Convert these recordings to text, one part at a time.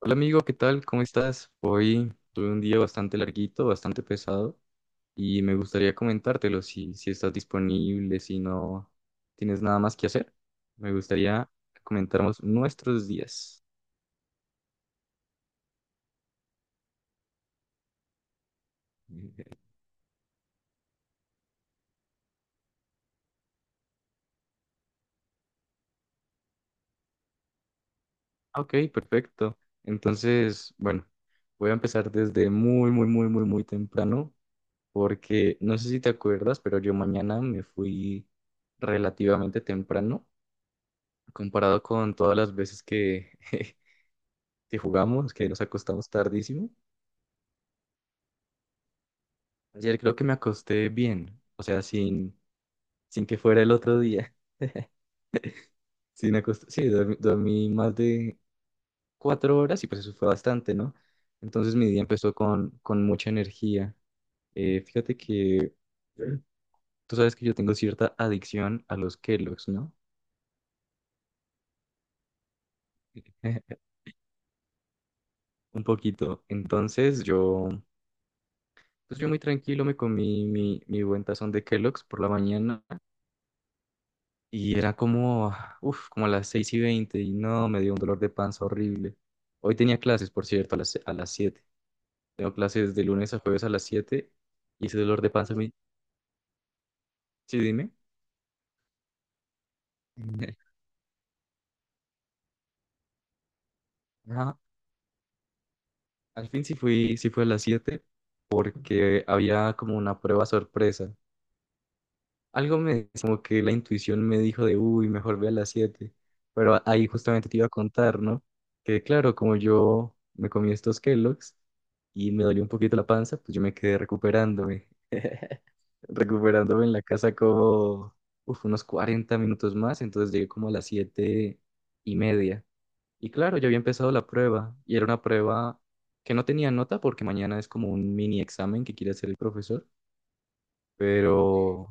Hola amigo, ¿qué tal? ¿Cómo estás? Hoy tuve un día bastante larguito, bastante pesado y me gustaría comentártelo si estás disponible, si no tienes nada más que hacer. Me gustaría comentarnos nuestros días. Y "Ah, ok, perfecto. Entonces, bueno, voy a empezar desde muy, muy, muy, muy, muy temprano porque no sé si te acuerdas, pero yo mañana me fui relativamente temprano comparado con todas las veces que... Si jugamos, que nos acostamos tardísimo. Ayer creo que me acosté bien, o sea, sin que fuera el otro día. Sin acost- Sí, dormí más de 4 horas y pues eso fue bastante, ¿no? Entonces mi día empezó con mucha energía. Fíjate que tú sabes que yo tengo cierta adicción a los Kellogg's, ¿no? Un poquito. Entonces yo, pues yo muy tranquilo me comí mi buen tazón de Kellogg's por la mañana. Y era como, uff, como a las 6:20 y no, me dio un dolor de panza horrible. Hoy tenía clases, por cierto, a las siete. Tengo clases de lunes a jueves a las 7 y ese dolor de panza me... Sí, dime. Ajá. Al fin sí fui, sí fue a las 7 porque había como una prueba sorpresa. Algo me, como que la intuición me dijo de, uy, mejor ve a las 7. Ahí justamente te iba a contar, ¿no? Que claro, como yo me comí estos Kellogg's y me dolió un poquito la panza, pues yo me quedé recuperándome. Recuperándome en la casa como, uf, unos 40 minutos más. Entonces llegué como a las 7:30. Y claro, yo había empezado la prueba y era una prueba que no tenía nota porque mañana es como un mini examen que quiere hacer el profesor. Ok. Pero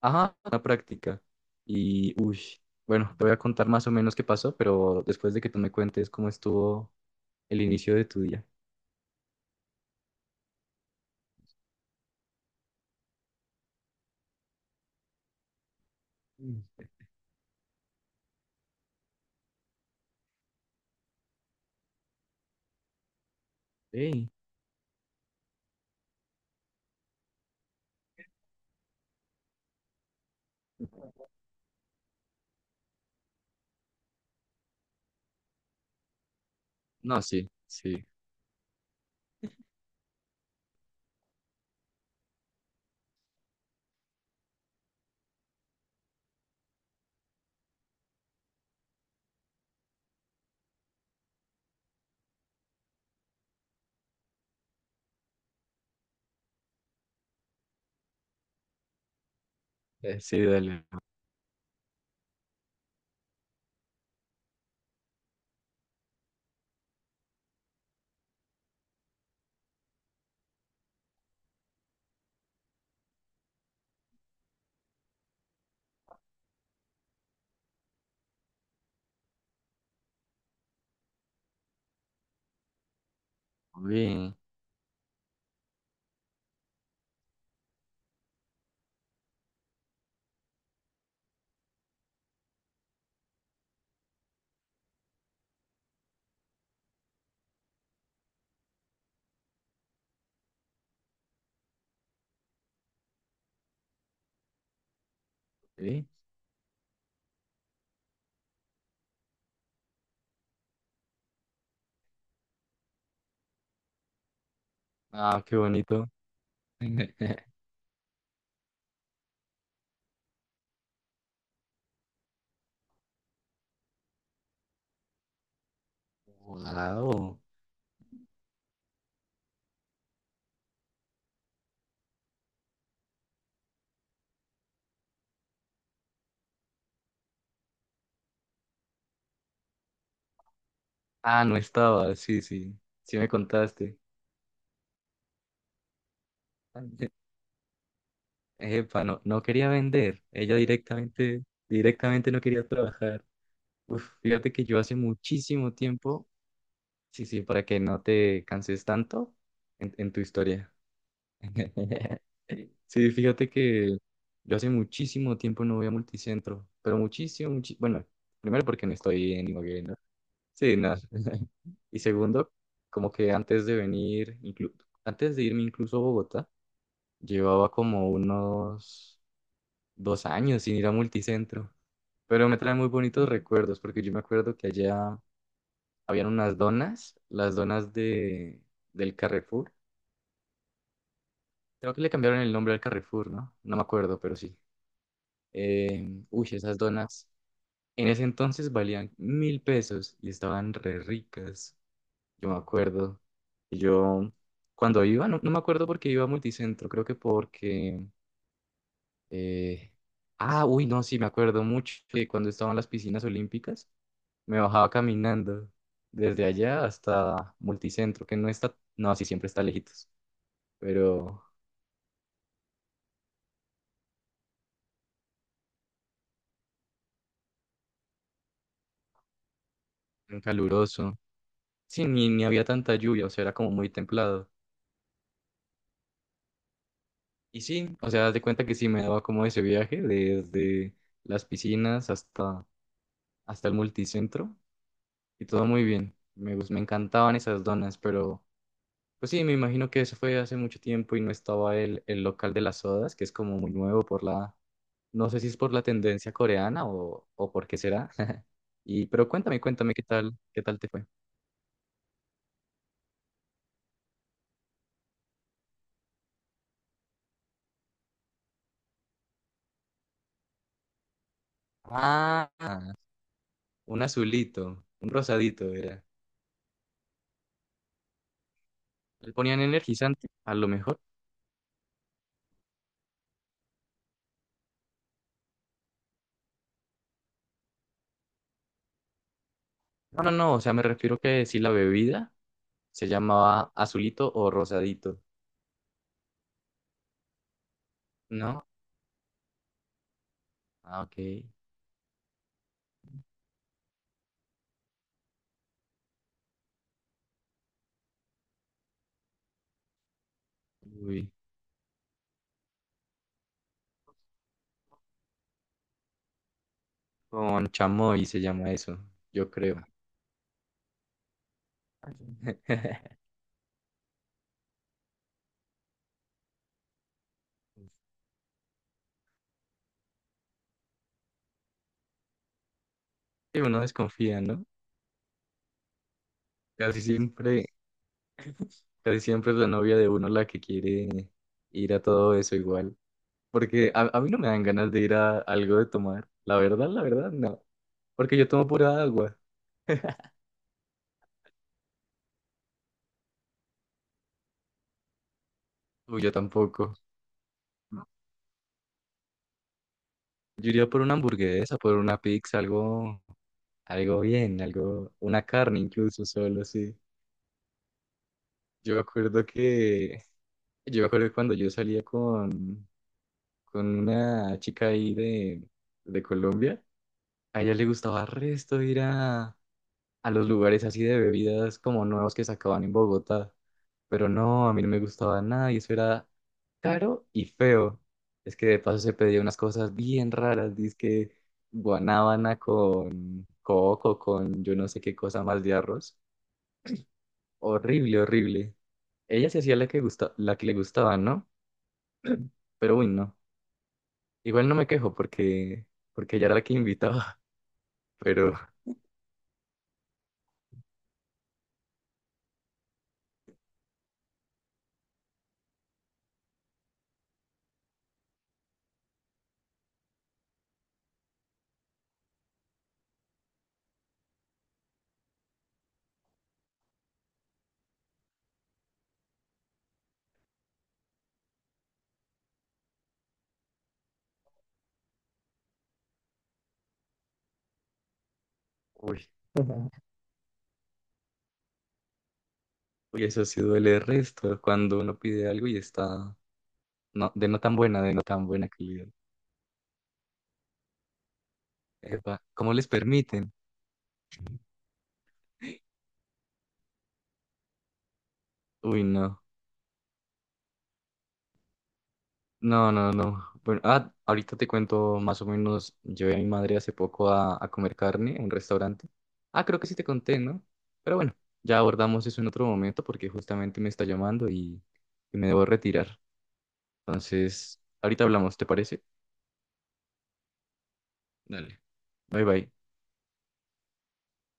ajá, la práctica. Y, uy, bueno, te voy a contar más o menos qué pasó, pero después de que tú me cuentes cómo estuvo el inicio de tu día. Mm. Sí. No, sí, sí. Sí, dale. Bien. Sí. Ah, qué bonito. Wow. Ah, no estaba. Sí, sí. Sí me contaste. Epa, no, no quería vender. Ella directamente, directamente no quería trabajar. Uf, fíjate que yo hace muchísimo tiempo. Sí, sí, para que no te canses tanto en tu historia. Sí, fíjate que yo hace muchísimo tiempo no voy a multicentro, pero muchísimo, muchi- bueno, primero porque no estoy en Imogen, ¿no? Sí, no. Y segundo, como que antes de venir, antes de irme incluso a Bogotá, llevaba como unos 2 años sin ir a multicentro, pero me trae muy bonitos recuerdos porque yo me acuerdo que allá habían unas donas, las donas del Carrefour. Creo que le cambiaron el nombre al Carrefour, ¿no? No me acuerdo, pero sí. Uy, esas donas. En ese entonces valían 1000 pesos y estaban re ricas. Yo me acuerdo. Y yo, cuando iba, no, no me acuerdo porque iba a Multicentro, creo que porque... eh, ah, uy, no, sí, me acuerdo mucho que cuando estaban las piscinas olímpicas, me bajaba caminando desde allá hasta Multicentro, que no está... No, sí, siempre está lejitos, pero en caluroso. Sí, ni, ni había tanta lluvia, o sea, era como muy templado. Y sí, o sea, haz de cuenta que sí me daba como ese viaje desde las piscinas hasta, hasta el multicentro y todo muy bien. Me encantaban esas donas, pero pues sí, me imagino que eso fue hace mucho tiempo y no estaba el local de las sodas, que es como muy nuevo no sé si es por la tendencia coreana o por qué será. Y, pero cuéntame, cuéntame qué tal te fue. Ah, un azulito, un rosadito era. Le ponían energizante, a lo mejor. No, no, no, o sea, me refiero que si la bebida se llamaba azulito o rosadito, ¿no? Ah, ok. Uy, con chamoy se llama eso, yo creo. Sí, uno desconfía, ¿no? Casi siempre, casi siempre es la novia de uno la que quiere ir a todo eso igual. Porque a mí no me dan ganas de ir a algo de tomar. La verdad, no. Porque yo tomo pura agua. Uy, yo tampoco. Yo iría por una hamburguesa, por una pizza, algo, algo bien, algo, una carne incluso solo, sí. Yo me acuerdo que, yo me acuerdo cuando yo salía con una chica ahí de Colombia, a ella le gustaba resto ir a los lugares así de bebidas como nuevos que sacaban en Bogotá. Pero no, a mí no me gustaba nada y eso era caro y feo. Es que de paso se pedía unas cosas bien raras, dizque guanábana con coco, con yo no sé qué cosa más de arroz. Horrible, horrible. Ella se hacía la que gusta, la que le gustaba, ¿no? Pero uy, no. Igual no me quejo porque, porque ella era la que invitaba, pero uy, uy, eso sí duele el resto cuando uno pide algo y está... No, de no tan buena, de no tan buena calidad. Epa, ¿cómo les permiten? Uy, no. No, no, no. Bueno, ah, ahorita te cuento más o menos. Llevé a mi madre hace poco a comer carne en un restaurante. Ah, creo que sí te conté, ¿no? Pero bueno, ya abordamos eso en otro momento porque justamente me está llamando y me debo retirar. Entonces, ahorita hablamos, ¿te parece? Dale. Bye, bye.